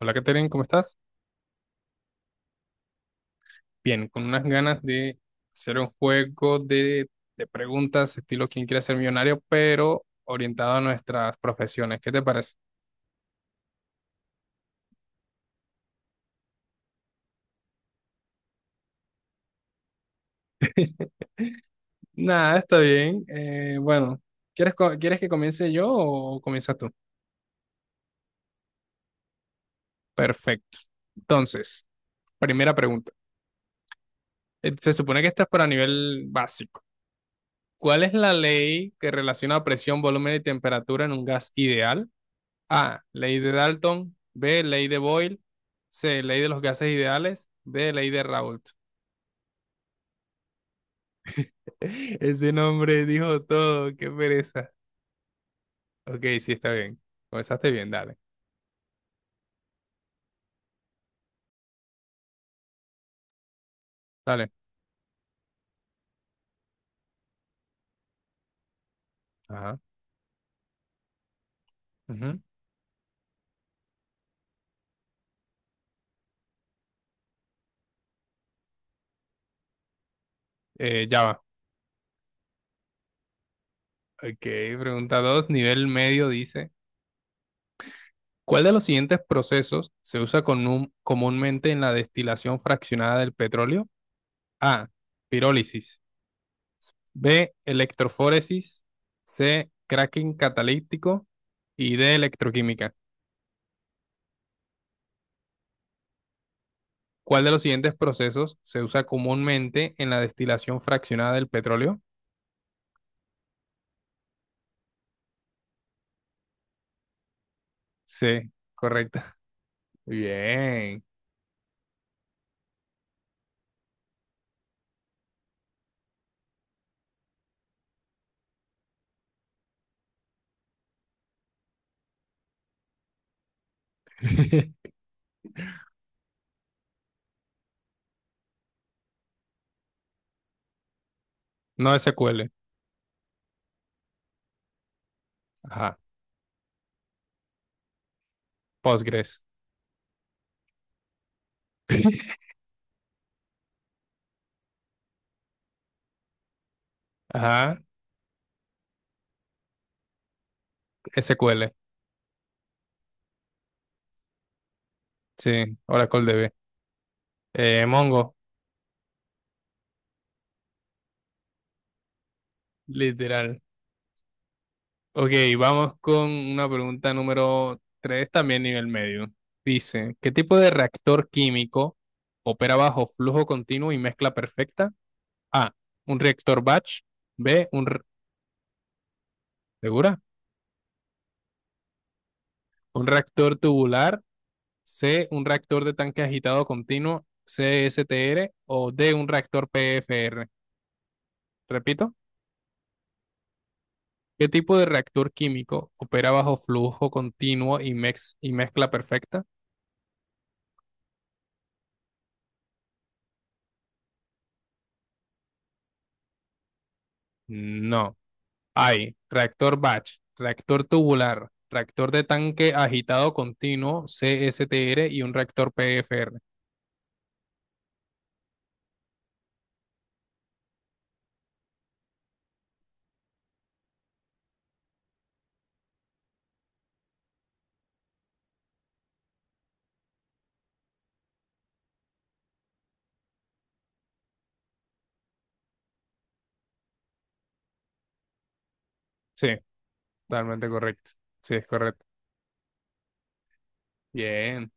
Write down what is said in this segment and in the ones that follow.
Hola, Katherine, ¿cómo estás? Bien, con unas ganas de hacer un juego de preguntas, estilo ¿Quién quiere ser millonario? Pero orientado a nuestras profesiones. ¿Qué te parece? Nada, está bien. Bueno, ¿quieres que comience yo o comienzas tú? Perfecto. Entonces, primera pregunta. Se supone que esta es para nivel básico. ¿Cuál es la ley que relaciona presión, volumen y temperatura en un gas ideal? A. Ley de Dalton. B. Ley de Boyle. C. Ley de los gases ideales. D. Ley de Raoult. Ese nombre dijo todo. Qué pereza. Ok, sí, está bien. Comenzaste bien, dale. Dale. Ajá. Ujú. Ya va. Ok, pregunta 2, nivel medio, dice: ¿Cuál de los siguientes procesos se usa comúnmente en la destilación fraccionada del petróleo? A. Pirólisis. B. Electroforesis. C. Cracking catalítico. Y D. Electroquímica. ¿Cuál de los siguientes procesos se usa comúnmente en la destilación fraccionada del petróleo? C. Correcta. Bien. No SQL. Ajá. Postgres. Ajá. SQL. Sí. Oracle DB. Mongo. Literal. Ok, vamos con una pregunta número tres, también nivel medio. Dice, ¿qué tipo de reactor químico opera bajo flujo continuo y mezcla perfecta? A, un reactor batch. B, un re- ¿segura? Un reactor tubular. C, un reactor de tanque agitado continuo, CSTR. O D, un reactor PFR. Repito, ¿qué tipo de reactor químico opera bajo flujo continuo y y mezcla perfecta? No. Hay reactor batch, reactor tubular, reactor de tanque agitado continuo, CSTR, y un reactor PFR. Sí, totalmente correcto. Sí, es correcto. Bien.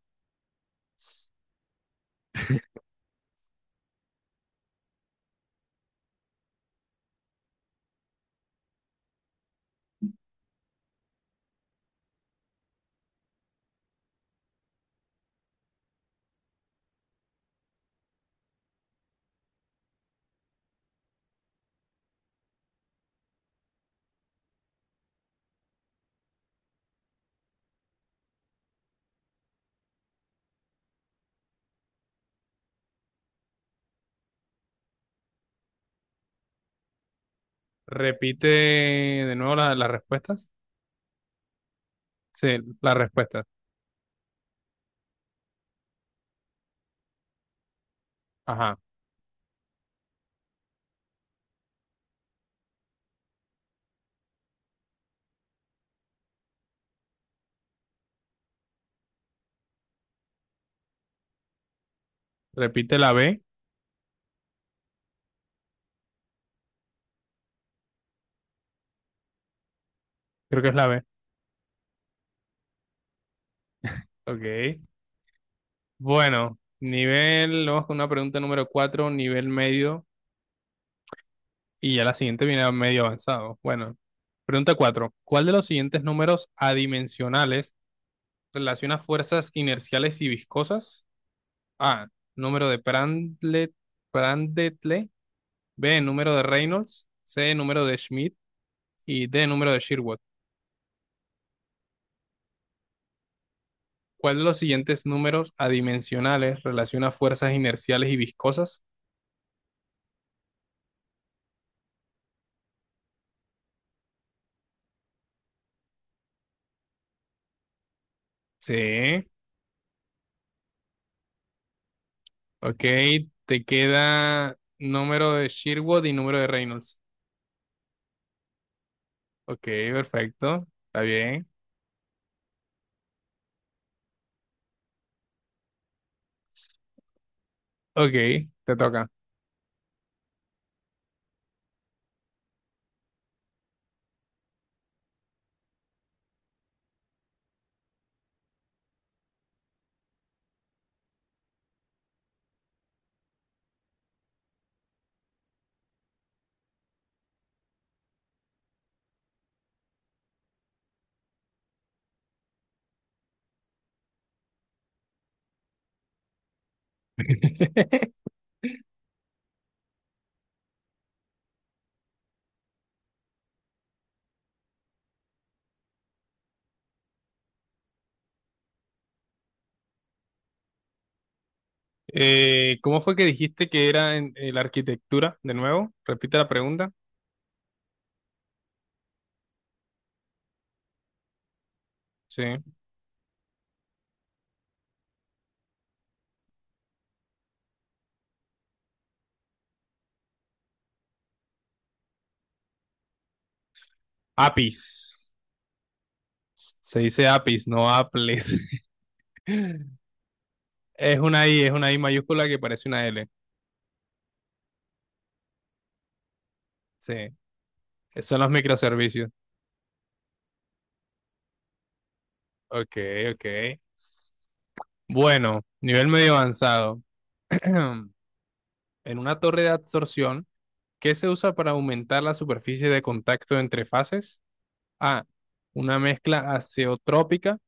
Repite las respuestas. Sí, las respuestas. Ajá. Repite la B. Creo que es la B. Ok. Vamos con una pregunta número 4, nivel medio, y ya la siguiente viene a medio avanzado. Bueno, pregunta 4. ¿Cuál de los siguientes números adimensionales relaciona fuerzas inerciales y viscosas? A. Número de Prandtl, Prandtl. B. Número de Reynolds. C. Número de Schmidt. Y D. Número de Sherwood. ¿Cuál de los siguientes números adimensionales relaciona fuerzas inerciales y viscosas? C. Ok. Te queda número de Sherwood y número de Reynolds. Ok, perfecto. Está bien. Ok, te toca. ¿Cómo fue que dijiste que era en la arquitectura? De nuevo, repite la pregunta. Sí. APIS. Se dice APIS, no APLES. Es una I mayúscula que parece una L. Sí. Son los microservicios. Ok, ok. Bueno, nivel medio avanzado. En una torre de absorción, ¿qué se usa para aumentar la superficie de contacto entre fases? A. Una mezcla azeotrópica.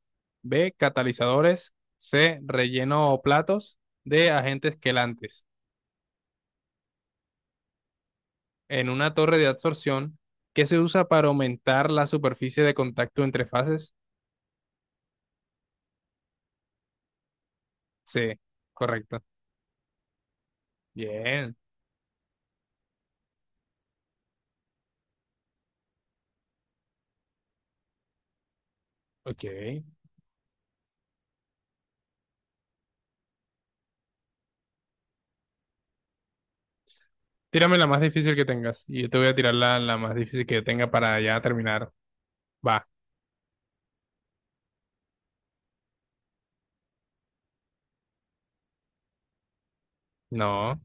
B. Catalizadores. C. Relleno o platos. D. Agentes quelantes. En una torre de adsorción, que se usa para aumentar la superficie de contacto entre fases. C. Correcto. Bien. Ok. Tírame la más difícil que tengas. Y yo te voy a tirar la más difícil que yo tenga para ya terminar. Va. No.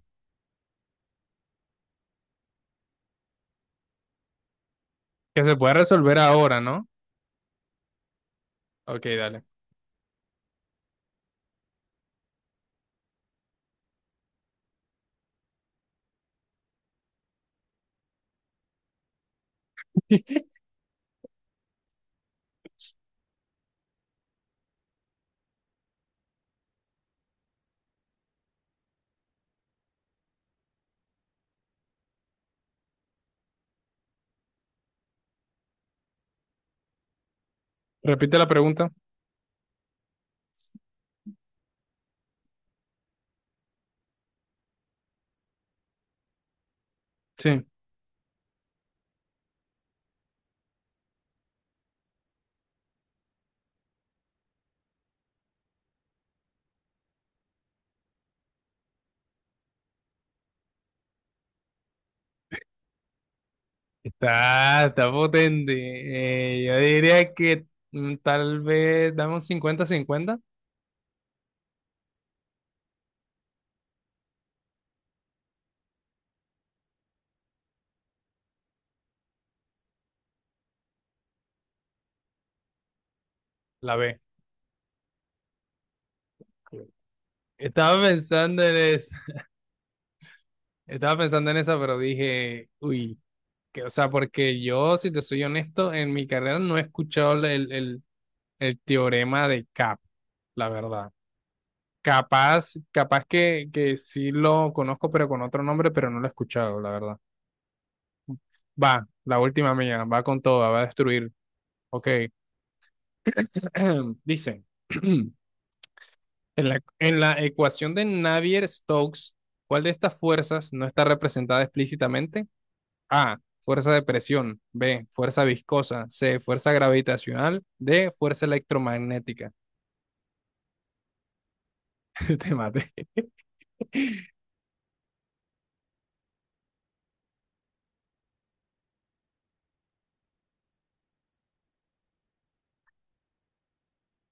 Que se pueda resolver ahora, ¿no? Ok, dale. Repite la pregunta. Sí. Está, está potente. Yo diría que tal vez dame un cincuenta 50 la B. Estaba pensando en eso, estaba pensando en esa, pero dije, uy, que, o sea, porque yo, si te soy honesto, en mi carrera no he escuchado el teorema de CAP, la verdad. Capaz, que sí lo conozco, pero con otro nombre, pero no lo he escuchado, la verdad. Va, la última mía, va con toda, va a destruir. Ok. Dicen, en la ecuación de Navier-Stokes, ¿cuál de estas fuerzas no está representada explícitamente? A, fuerza de presión. B, fuerza viscosa. C, fuerza gravitacional. D, fuerza electromagnética. Te maté.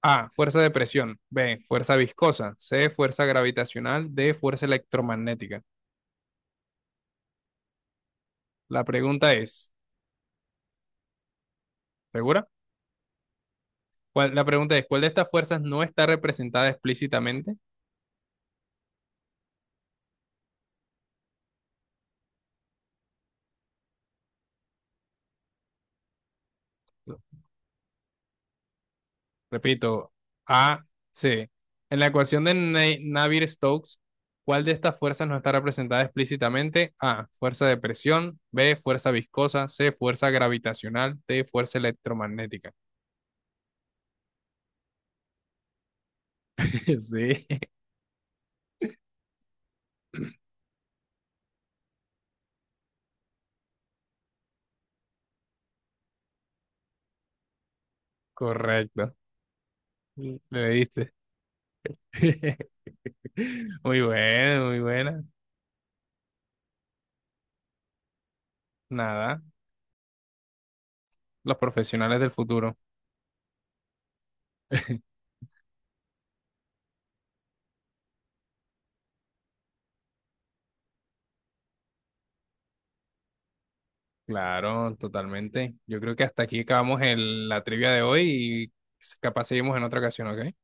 A, fuerza de presión. B, fuerza viscosa. C, fuerza gravitacional. D, fuerza electromagnética. La pregunta es, ¿segura? ¿Cuál- la pregunta es, ¿cuál de estas fuerzas no está representada explícitamente? Repito, A, C. En la ecuación de Navier-Stokes, ¿cuál de estas fuerzas no está representada explícitamente? A, fuerza de presión. B, fuerza viscosa. C, fuerza gravitacional. D, fuerza electromagnética. Sí, correcto. Le diste. Muy buena, muy buena. Nada, los profesionales del futuro. Claro, totalmente. Yo creo que hasta aquí acabamos la trivia de hoy, y capaz seguimos en otra ocasión, ¿ok?